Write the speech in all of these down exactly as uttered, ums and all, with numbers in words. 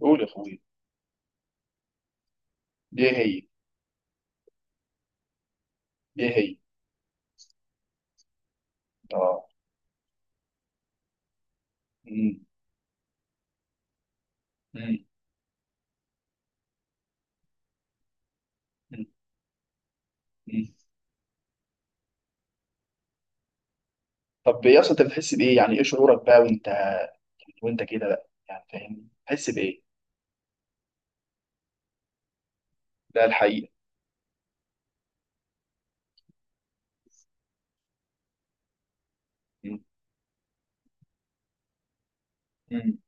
قول يا اخويا. دي هي. دي هي. اه. مم. مم. مم. مم. طب يا اسطى، انت بتحس بايه، يعني ايه شعورك بقى وانت وانت كده بقى يعني فاهمني، بتحس بايه؟ ده الحقيقه. مم. مم.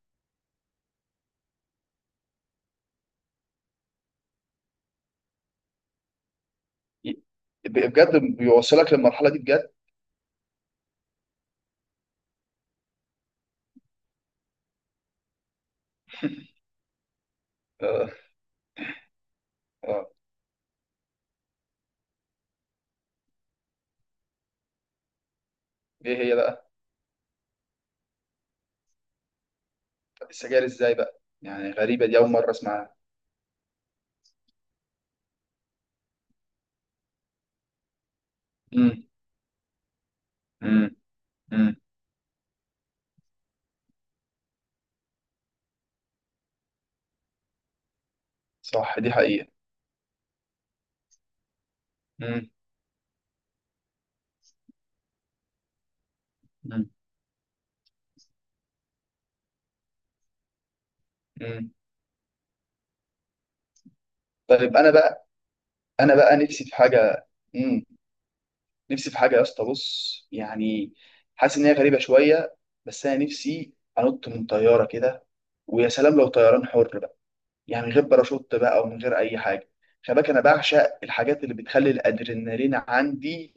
ي- بجد بيوصلك للمرحله دي بجد. اه. اه. ايه هي بقى؟ طب السجاير ازاي بقى، يعني غريبه، دي اول مره اسمعها. مم. مم. مم. صح دي حقيقه. مم. مم. مم. طيب انا بقى، انا بقى نفسي في حاجه. مم. نفسي في حاجه يا اسطى، بص يعني، حاسس ان هي غريبه شويه، بس انا نفسي انط من طياره كده، ويا سلام لو طيران حر بقى، يعني من غير باراشوت بقى ومن غير اي حاجه. خلي بالك انا بعشق الحاجات اللي بتخلي الادرينالين عندي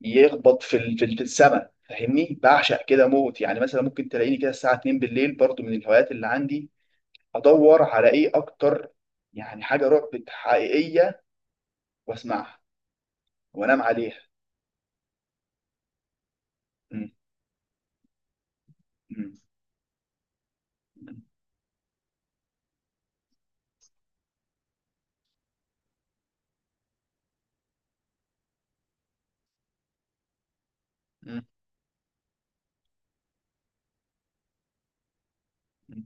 يخبط في ال- في ال- في السما، فاهمني؟ بعشق كده موت، يعني مثلا ممكن تلاقيني كده الساعه اتنين بالليل، برضو من الهوايات اللي عندي، ادور على ايه اكتر، يعني حاجه رعب حقيقيه واسمعها وانام عليها. م- م- م- م-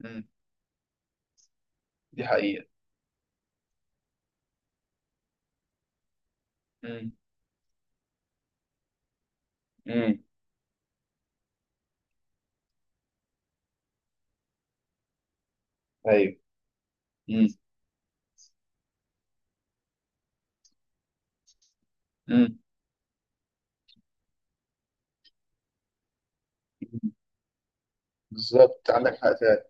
م- دي حقيقة. امم. امم. ايوه. امم. امم. بالظبط عندك حق فعلا.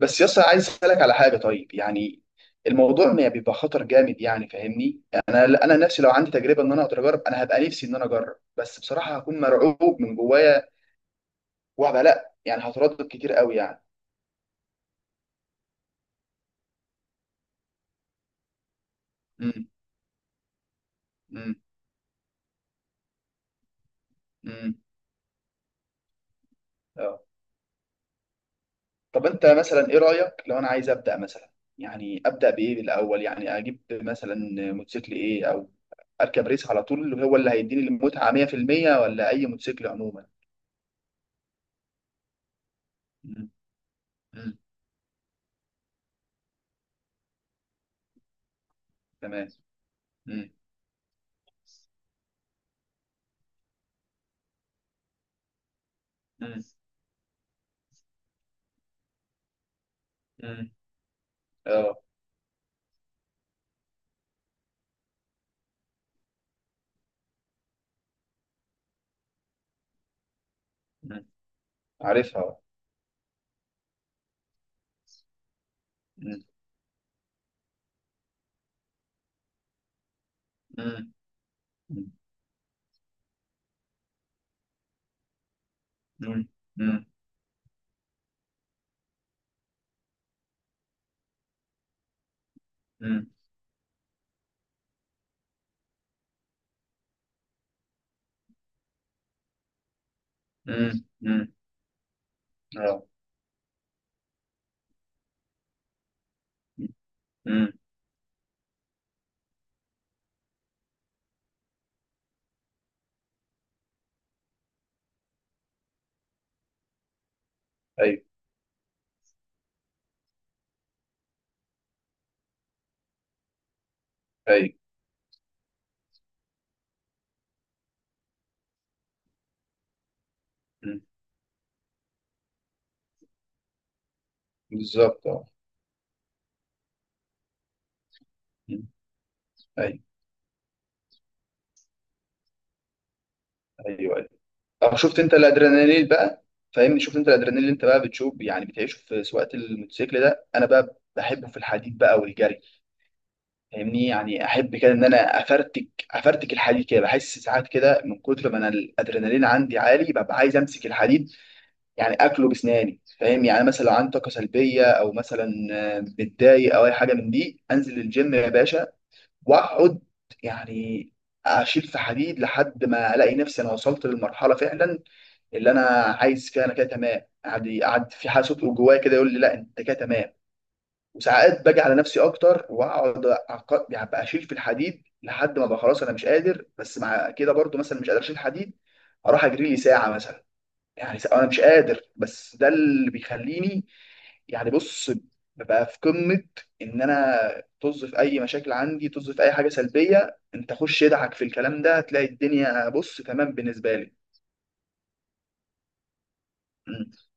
بس يس، أنا عايز اسالك على حاجه، طيب يعني الموضوع ما بيبقى خطر جامد، يعني فاهمني، انا انا نفسي لو عندي تجربه ان انا اقدر اجرب، انا هبقى نفسي ان انا اجرب، بس بصراحه هكون مرعوب من جوايا، وهبقى لا، يعني هتردد كتير قوي يعني. امم. امم. امم. طب انت مثلا ايه رايك لو انا عايز ابدا مثلا، يعني ابدا بايه الاول، يعني اجيب مثلا موتوسيكل ايه، او اركب ريس على طول اللي هو اللي هيديني المتعه ميه في المية، ولا اي موتوسيكل عموما؟ مم. مم. تمام. مم. مم. مم. اه. مم. عارفها. مم. مم. مم. مم. مم. مم. مم. اه. مم. ايوه. ايوه. مم. بالظبط اه. مم. ايوه. ايوه. اه، شفت انت الادرينالين بقى، فاهمني؟ شفت انت الادرينالين اللي انت بقى بتشوف، يعني بتعيشه في سواقه الموتوسيكل ده، انا بقى بحبه في الحديد بقى والجري، فاهمني؟ يعني احب كده ان انا افرتك افرتك الحديد كده، بحس ساعات كده من كتر ما انا الادرينالين عندي عالي، ببقى عايز امسك الحديد، يعني اكله باسناني، فاهم؟ يعني مثلا لو عندي طاقه سلبيه او مثلا آه، متضايق او اي حاجه من دي، انزل الجيم يا باشا واقعد، يعني اشيل في حديد لحد ما الاقي نفسي انا وصلت للمرحله فعلا اللي انا عايز فيها، انا كده تمام، قعد قعد في حاجه صوت جوايا كده يقول لي لا انت كده تمام. وساعات باجي على نفسي اكتر واقعد، أعق- يعني أبقى اشيل في الحديد لحد ما بقى خلاص انا مش قادر، بس مع كده برضو مثلا مش قادر اشيل حديد، اروح اجري لي ساعه مثلا، يعني ساعة انا مش قادر، بس ده اللي بيخليني يعني بص ببقى في قمه، ان انا طز في اي مشاكل عندي، طز في اي حاجه سلبيه. انت خش يدعك في الكلام ده، هتلاقي الدنيا بص تمام بالنسبه لي. م-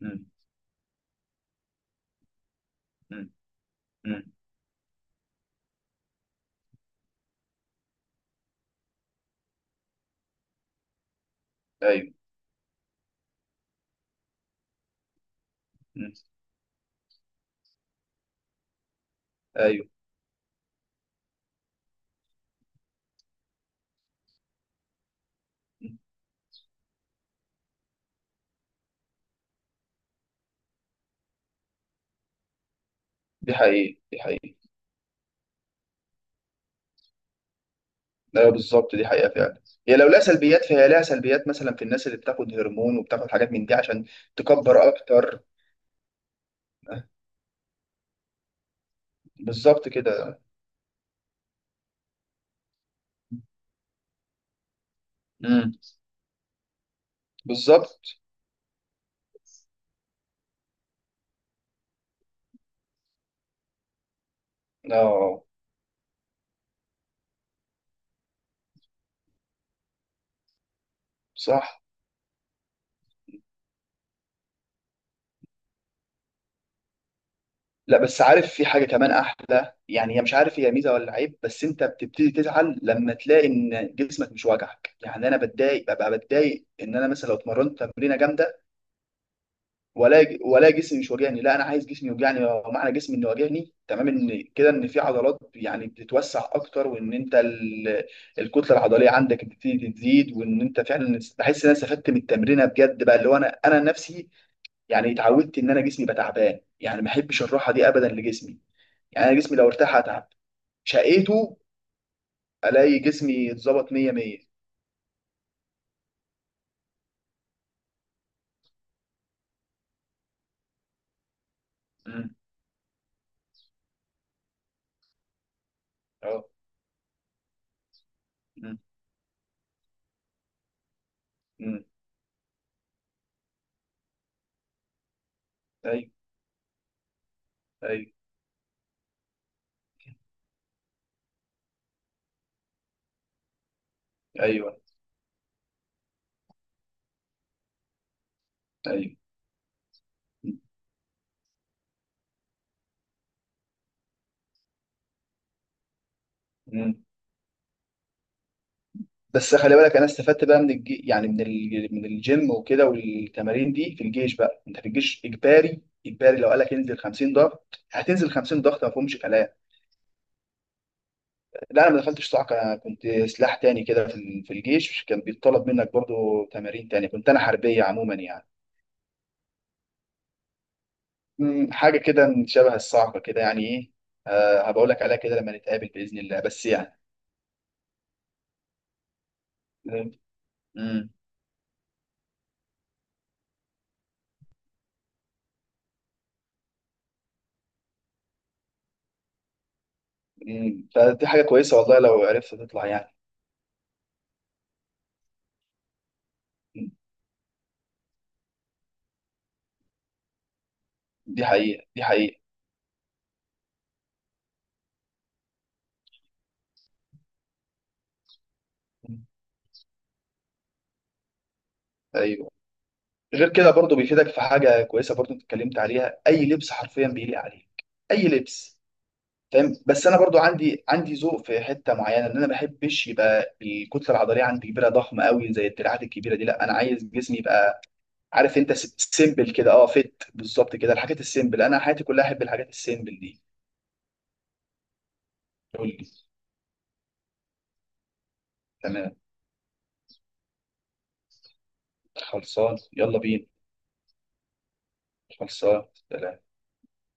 م- م- م. ايوه مم. ايوه مم. دي حقيقة دي حقيقة ايوه بالظبط دي حقيقة فعلا. هي لو لها سلبيات، فهي لها سلبيات مثلا في الناس اللي بتاخد هرمون وبتاخد حاجات من دي عشان تكبر اكتر. بالظبط كده. مم. بالظبط اه. صح. لا بس عارف في حاجة كمان احلى، يعني هي مش عارف هي ميزة ولا عيب، بس انت بتبتدي تزعل لما تلاقي ان جسمك مش واجعك، يعني انا بتضايق، ببقى بتضايق ان انا مثلا لو اتمرنت تمرينة جامدة ولا ج- ولا جسمي مش واجعني، لا انا عايز جسمي يوجعني، ومعنى جسمي انه واجعني تمام، ان كده ان في عضلات يعني بتتوسع اكتر، وان انت ال- الكتله العضليه عندك بتبتدي تزيد، وان انت فعلا بحس ان انا استفدت من التمرينه بجد بقى، اللي هو انا انا نفسي. يعني اتعودت ان انا جسمي بقى تعبان، يعني ما احبش الراحه دي ابدا لجسمي، يعني انا جسمي لو ارتاح اتعب شقيته، الاقي جسمي اتظبط مية مية. امم. اه. امم. امم. ايوه. ايوه. ايوه. ايوه. بس خلي بالك انا استفدت بقى من الجي... يعني من ال... من الجيم وكده، والتمارين دي في الجيش بقى، انت في الجيش اجباري اجباري، لو قالك انزل خمسين ضغط هتنزل خمسين ضغط، ما فيهمش كلام. لا انا ما دخلتش صاع ك- كنت سلاح تاني كده في ال- في الجيش، كان بيتطلب منك برضو تمارين تانية، كنت انا حربيه عموما يعني. أمم، حاجه كده من شبه الصاعقه كده. يعني ايه؟ أه، هبقول لك عليها كده لما نتقابل باذن الله، بس يعني. امم. أمم، فدي حاجه كويسه والله لو عرفت تطلع يعني. أمم، دي حقيقه. دي حقيقه. أمم، ايوه. غير كده برضو بيفيدك في حاجه كويسه، برضو انت اتكلمت عليها، اي لبس حرفيا بيليق عليك، اي لبس. فاهم؟ بس انا برضو عندي عندي ذوق في حته معينه، ان انا ما بحبش يبقى الكتله العضليه عندي كبيره ضخمه قوي زي الدراعات الكبيره دي، لا انا عايز جسمي يبقى عارف انت سيمبل كده، اه فيت بالظبط كده، الحاجات السيمبل، انا حياتي كلها احب الحاجات السيمبل دي. قول لي. تمام. خلصان يلا بينا. خلصان. سلام.